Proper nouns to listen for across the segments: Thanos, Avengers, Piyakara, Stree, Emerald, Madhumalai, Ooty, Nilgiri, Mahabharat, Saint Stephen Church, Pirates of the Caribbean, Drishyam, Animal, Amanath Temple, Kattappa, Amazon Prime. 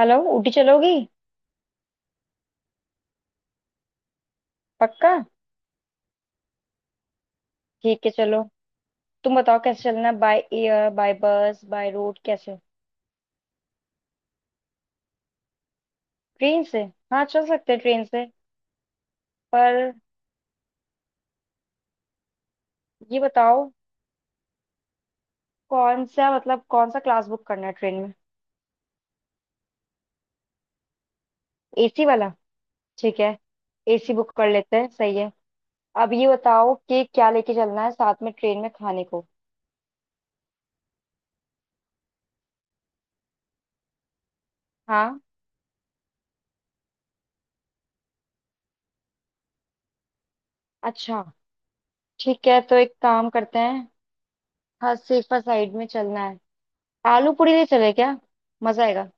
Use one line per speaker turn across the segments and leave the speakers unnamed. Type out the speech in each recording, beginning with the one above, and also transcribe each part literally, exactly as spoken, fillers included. Hello, Ooty चलोगी? पक्का? ठीक है, चलो। तुम बताओ कैसे चलना है, by air, by bus, by road, कैसे? ट्रेन से? हाँ, चल सकते हैं ट्रेन से। पर ये बताओ, कौन सा मतलब कौन सा क्लास बुक करना है ट्रेन में? एसी वाला? ठीक है, एसी बुक कर लेते हैं, सही है। अब ये बताओ कि क्या लेके चलना है साथ में ट्रेन में खाने को। हाँ। अच्छा। ठीक है, तो एक काम करते हैं। हाँ, सेफा साइड में चलना है। आलू पूरी ले चले क्या? मजा आएगा,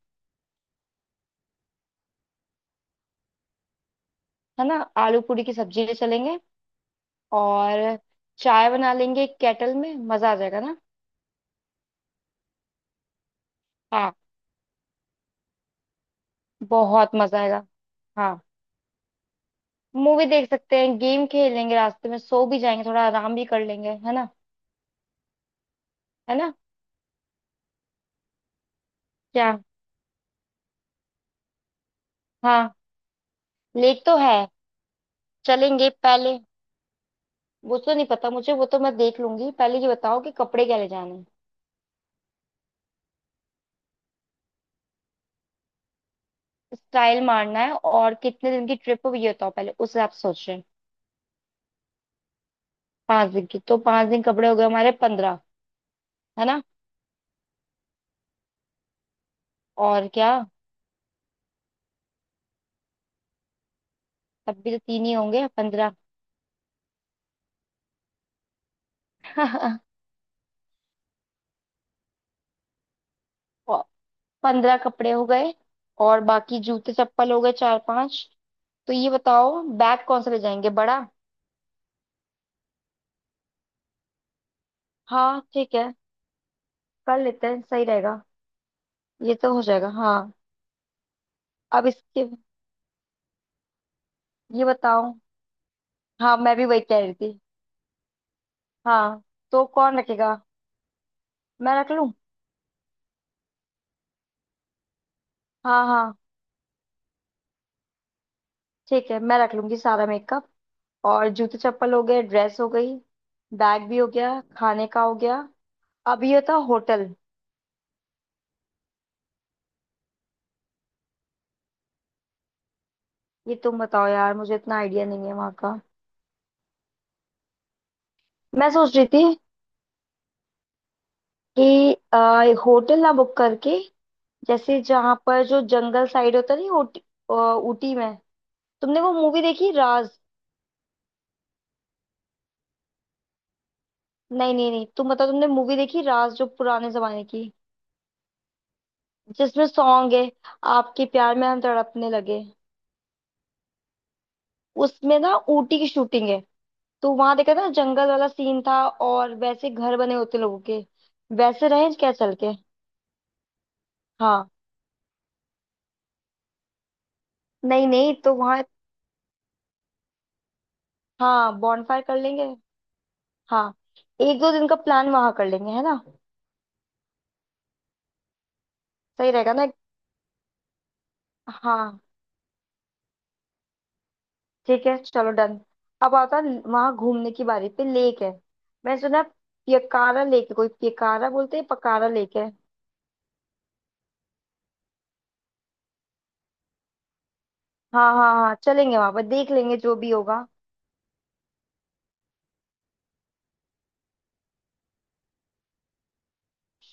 है ना। आलू पूरी की सब्जी ले चलेंगे और चाय बना लेंगे एक केटल में। मजा आ जाएगा ना। हाँ, बहुत मजा आएगा। हाँ, मूवी देख सकते हैं, गेम खेल लेंगे रास्ते में, सो भी जाएंगे, थोड़ा आराम भी कर लेंगे, है ना। है ना? क्या? हाँ, लेक तो है। चलेंगे पहले। वो तो नहीं पता मुझे, वो तो मैं देख लूंगी। पहले ये बताओ कि कपड़े क्या ले जाने हैं। स्टाइल मारना है। और कितने दिन की ट्रिप हो ये बताओ पहले, उस हिसाब से सोच रहे हैं। पांच दिन की? तो पांच दिन कपड़े हो गए हमारे पंद्रह। है ना। और क्या। तब भी तो तीन ही होंगे, पंद्रह। और पंद्रह कपड़े हो गए और बाकी जूते चप्पल हो गए चार पांच। तो ये बताओ बैग कौन सा ले जाएंगे, बड़ा? हाँ ठीक है, कर लेते हैं, सही रहेगा। ये तो हो जाएगा, हाँ। अब इसके ये बताओ। हाँ, मैं भी वही कह रही थी। हाँ, तो कौन रखेगा? मैं रख लूँ? हाँ हाँ, ठीक है, मैं रख लूंगी सारा मेकअप। और जूते चप्पल हो गए, ड्रेस हो गई, बैग भी हो गया, खाने का हो गया। अब ये था होटल। ये तुम बताओ यार, मुझे इतना आइडिया नहीं है वहाँ का। मैं सोच रही थी कि आ, होटल ना बुक करके, जैसे जहां पर जो जंगल साइड होता नहीं ऊटी, अ, ऊटी में। तुमने वो मूवी देखी राज? नहीं नहीं नहीं, तुम बताओ, तुमने मूवी देखी राज जो पुराने जमाने की, जिसमें सॉन्ग है, आपके प्यार में हम तड़पने लगे। उसमें ना ऊटी की शूटिंग है। तो वहां देखा ना, जंगल वाला सीन था और वैसे घर बने होते लोगों के। वैसे रहे क्या, चल के? हाँ। नहीं नहीं, तो वहां। हाँ, बॉनफायर कर लेंगे। हाँ, एक दो दिन का प्लान वहां कर लेंगे, है ना? सही रहेगा ना। हाँ ठीक है, चलो, डन। अब आता है वहां घूमने की बारी पे। लेक है, मैंने सुना है, पियकारा लेक है, कोई पियकारा बोलते हैं, पकारा लेक है। हाँ हाँ हाँ, चलेंगे वहां पर, देख लेंगे जो भी होगा।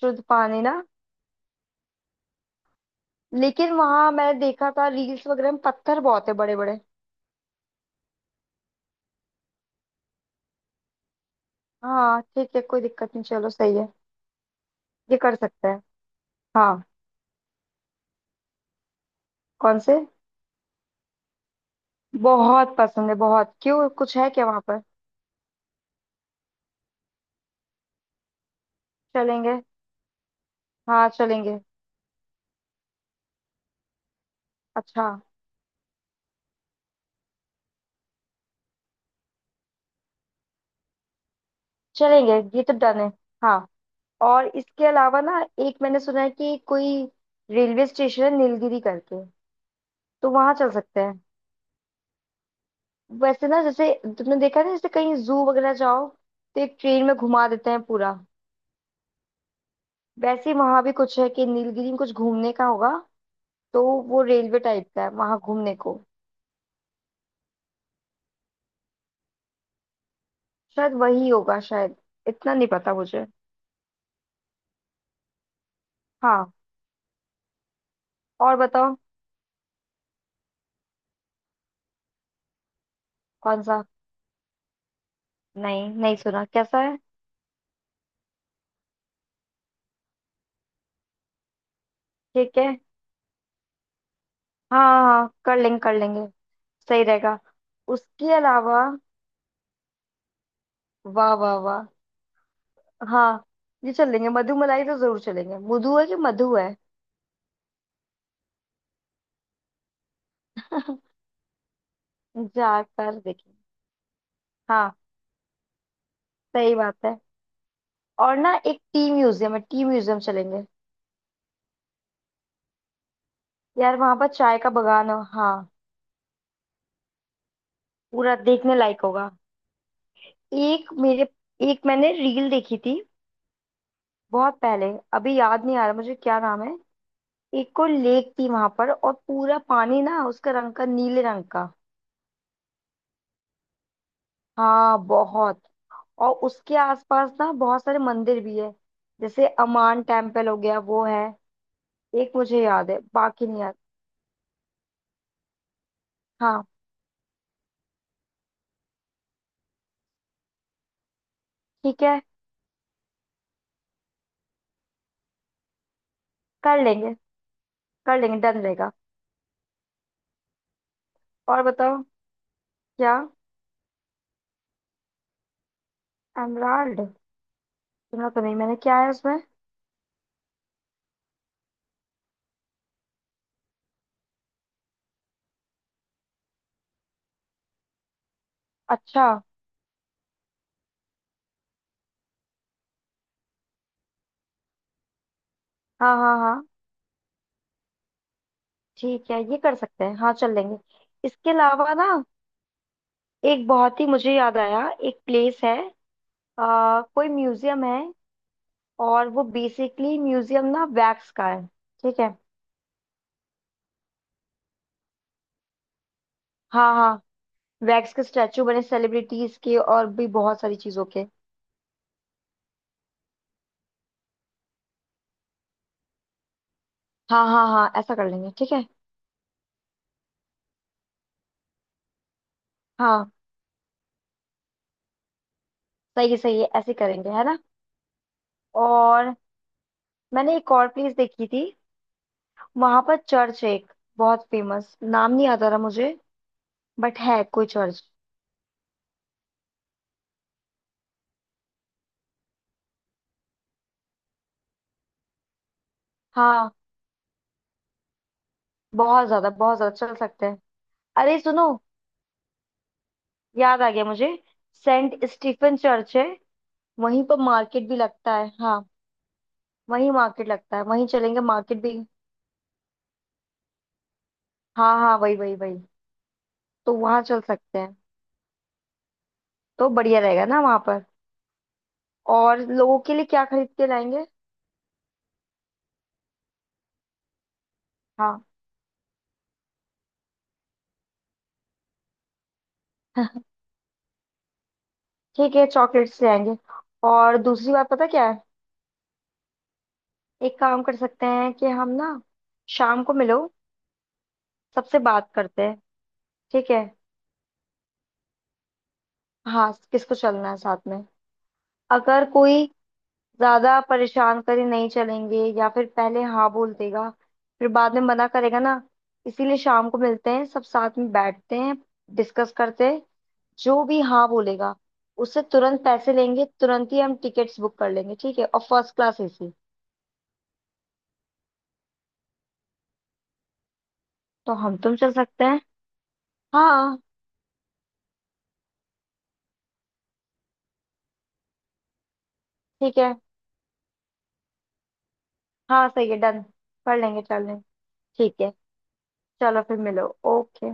शुद्ध पानी ना। लेकिन वहां मैंने देखा था रील्स वगैरह में, पत्थर बहुत है बड़े बड़े। हाँ ठीक है, कोई दिक्कत नहीं, चलो सही है। ये कर सकते हैं। हाँ। कौन से? बहुत पसंद है, बहुत। क्यों, कुछ है क्या वहां पर? चलेंगे, हाँ चलेंगे। अच्छा। चलेंगे, ये तो डन है। हाँ। और इसके अलावा ना, एक मैंने सुना है कि कोई रेलवे स्टेशन है नीलगिरी करके, तो वहां चल सकते हैं। वैसे ना, जैसे तुमने देखा ना, जैसे कहीं जू वगैरह जाओ तो एक ट्रेन में घुमा देते हैं पूरा, वैसे ही वहां भी कुछ है कि नीलगिरी में कुछ घूमने का होगा, तो वो रेलवे टाइप का है वहां घूमने को। शायद वही होगा शायद, इतना नहीं पता मुझे। हाँ। और बताओ। कौन सा? नहीं, नहीं सुना, कैसा है? ठीक है। हाँ हाँ हाँ, कर लेंगे कर लेंगे। सही रहेगा। उसके अलावा, वाह वाह वाह। हाँ, ये चलेंगे, मधु मलाई तो जरूर चलेंगे। मधु है कि मधु है? जाकर देखें। हाँ, सही बात है। और ना एक टी म्यूजियम है, टी म्यूजियम चलेंगे। यार वहां पर चाय का बगान हो, हाँ। पूरा देखने लायक होगा। एक मेरे एक मैंने रील देखी थी बहुत पहले, अभी याद नहीं आ रहा मुझे क्या नाम है। एक को लेक थी वहां पर और पूरा पानी ना उसका रंग का, नीले रंग का। हाँ, बहुत। और उसके आसपास ना बहुत सारे मंदिर भी है, जैसे अमान टेम्पल हो गया वो है, एक मुझे याद है, बाकी नहीं याद। हाँ ठीक है, कर लेंगे कर लेंगे, डन रहेगा। और बताओ। क्या? एमराल्ड? सुना तो नहीं मैंने, क्या है उसमें? अच्छा। हाँ हाँ हाँ, ठीक है, ये कर सकते हैं, हाँ चल लेंगे। इसके अलावा ना, एक बहुत ही मुझे याद आया, एक प्लेस है, आ, कोई म्यूजियम है, और वो बेसिकली म्यूजियम ना वैक्स का है। ठीक है। हाँ हाँ, वैक्स के स्टैचू बने सेलिब्रिटीज के और भी बहुत सारी चीजों के। हाँ हाँ हाँ, ऐसा कर लेंगे, ठीक है। हाँ, सही है सही है, ऐसे करेंगे, है ना। और मैंने एक और प्लेस देखी थी, वहां पर चर्च है एक, बहुत फेमस, नाम नहीं आता रहा मुझे, बट है कोई चर्च। हाँ, बहुत ज्यादा बहुत ज्यादा, चल सकते हैं। अरे सुनो, याद आ गया मुझे, सेंट स्टीफन चर्च है। वहीं पर मार्केट भी लगता है, हाँ। वहीं मार्केट लगता है, वहीं चलेंगे मार्केट भी। हाँ हाँ, वही वही वही। तो वहां चल सकते हैं। तो बढ़िया रहेगा ना वहां पर। और लोगों के लिए क्या खरीद के लाएंगे? हाँ। ठीक है, चॉकलेट्स ले आएंगे। और दूसरी बात पता क्या है, एक काम कर सकते हैं कि हम ना शाम को मिलो, सबसे बात करते हैं। ठीक है। हाँ, किसको चलना है साथ में। अगर कोई ज्यादा परेशान करे नहीं चलेंगे, या फिर पहले हाँ बोल देगा फिर बाद में मना करेगा ना, इसीलिए शाम को मिलते हैं, सब साथ में बैठते हैं, डिस्कस करते हैं। जो भी हाँ बोलेगा, उससे तुरंत पैसे लेंगे, तुरंत ही हम टिकट्स बुक कर लेंगे, ठीक है, और फर्स्ट क्लास एसी। तो हम तुम चल सकते हैं। हाँ। ठीक है। हाँ सही है, डन। कर लेंगे, चल लेंगे। ठीक है, चलो फिर मिलो। ओके।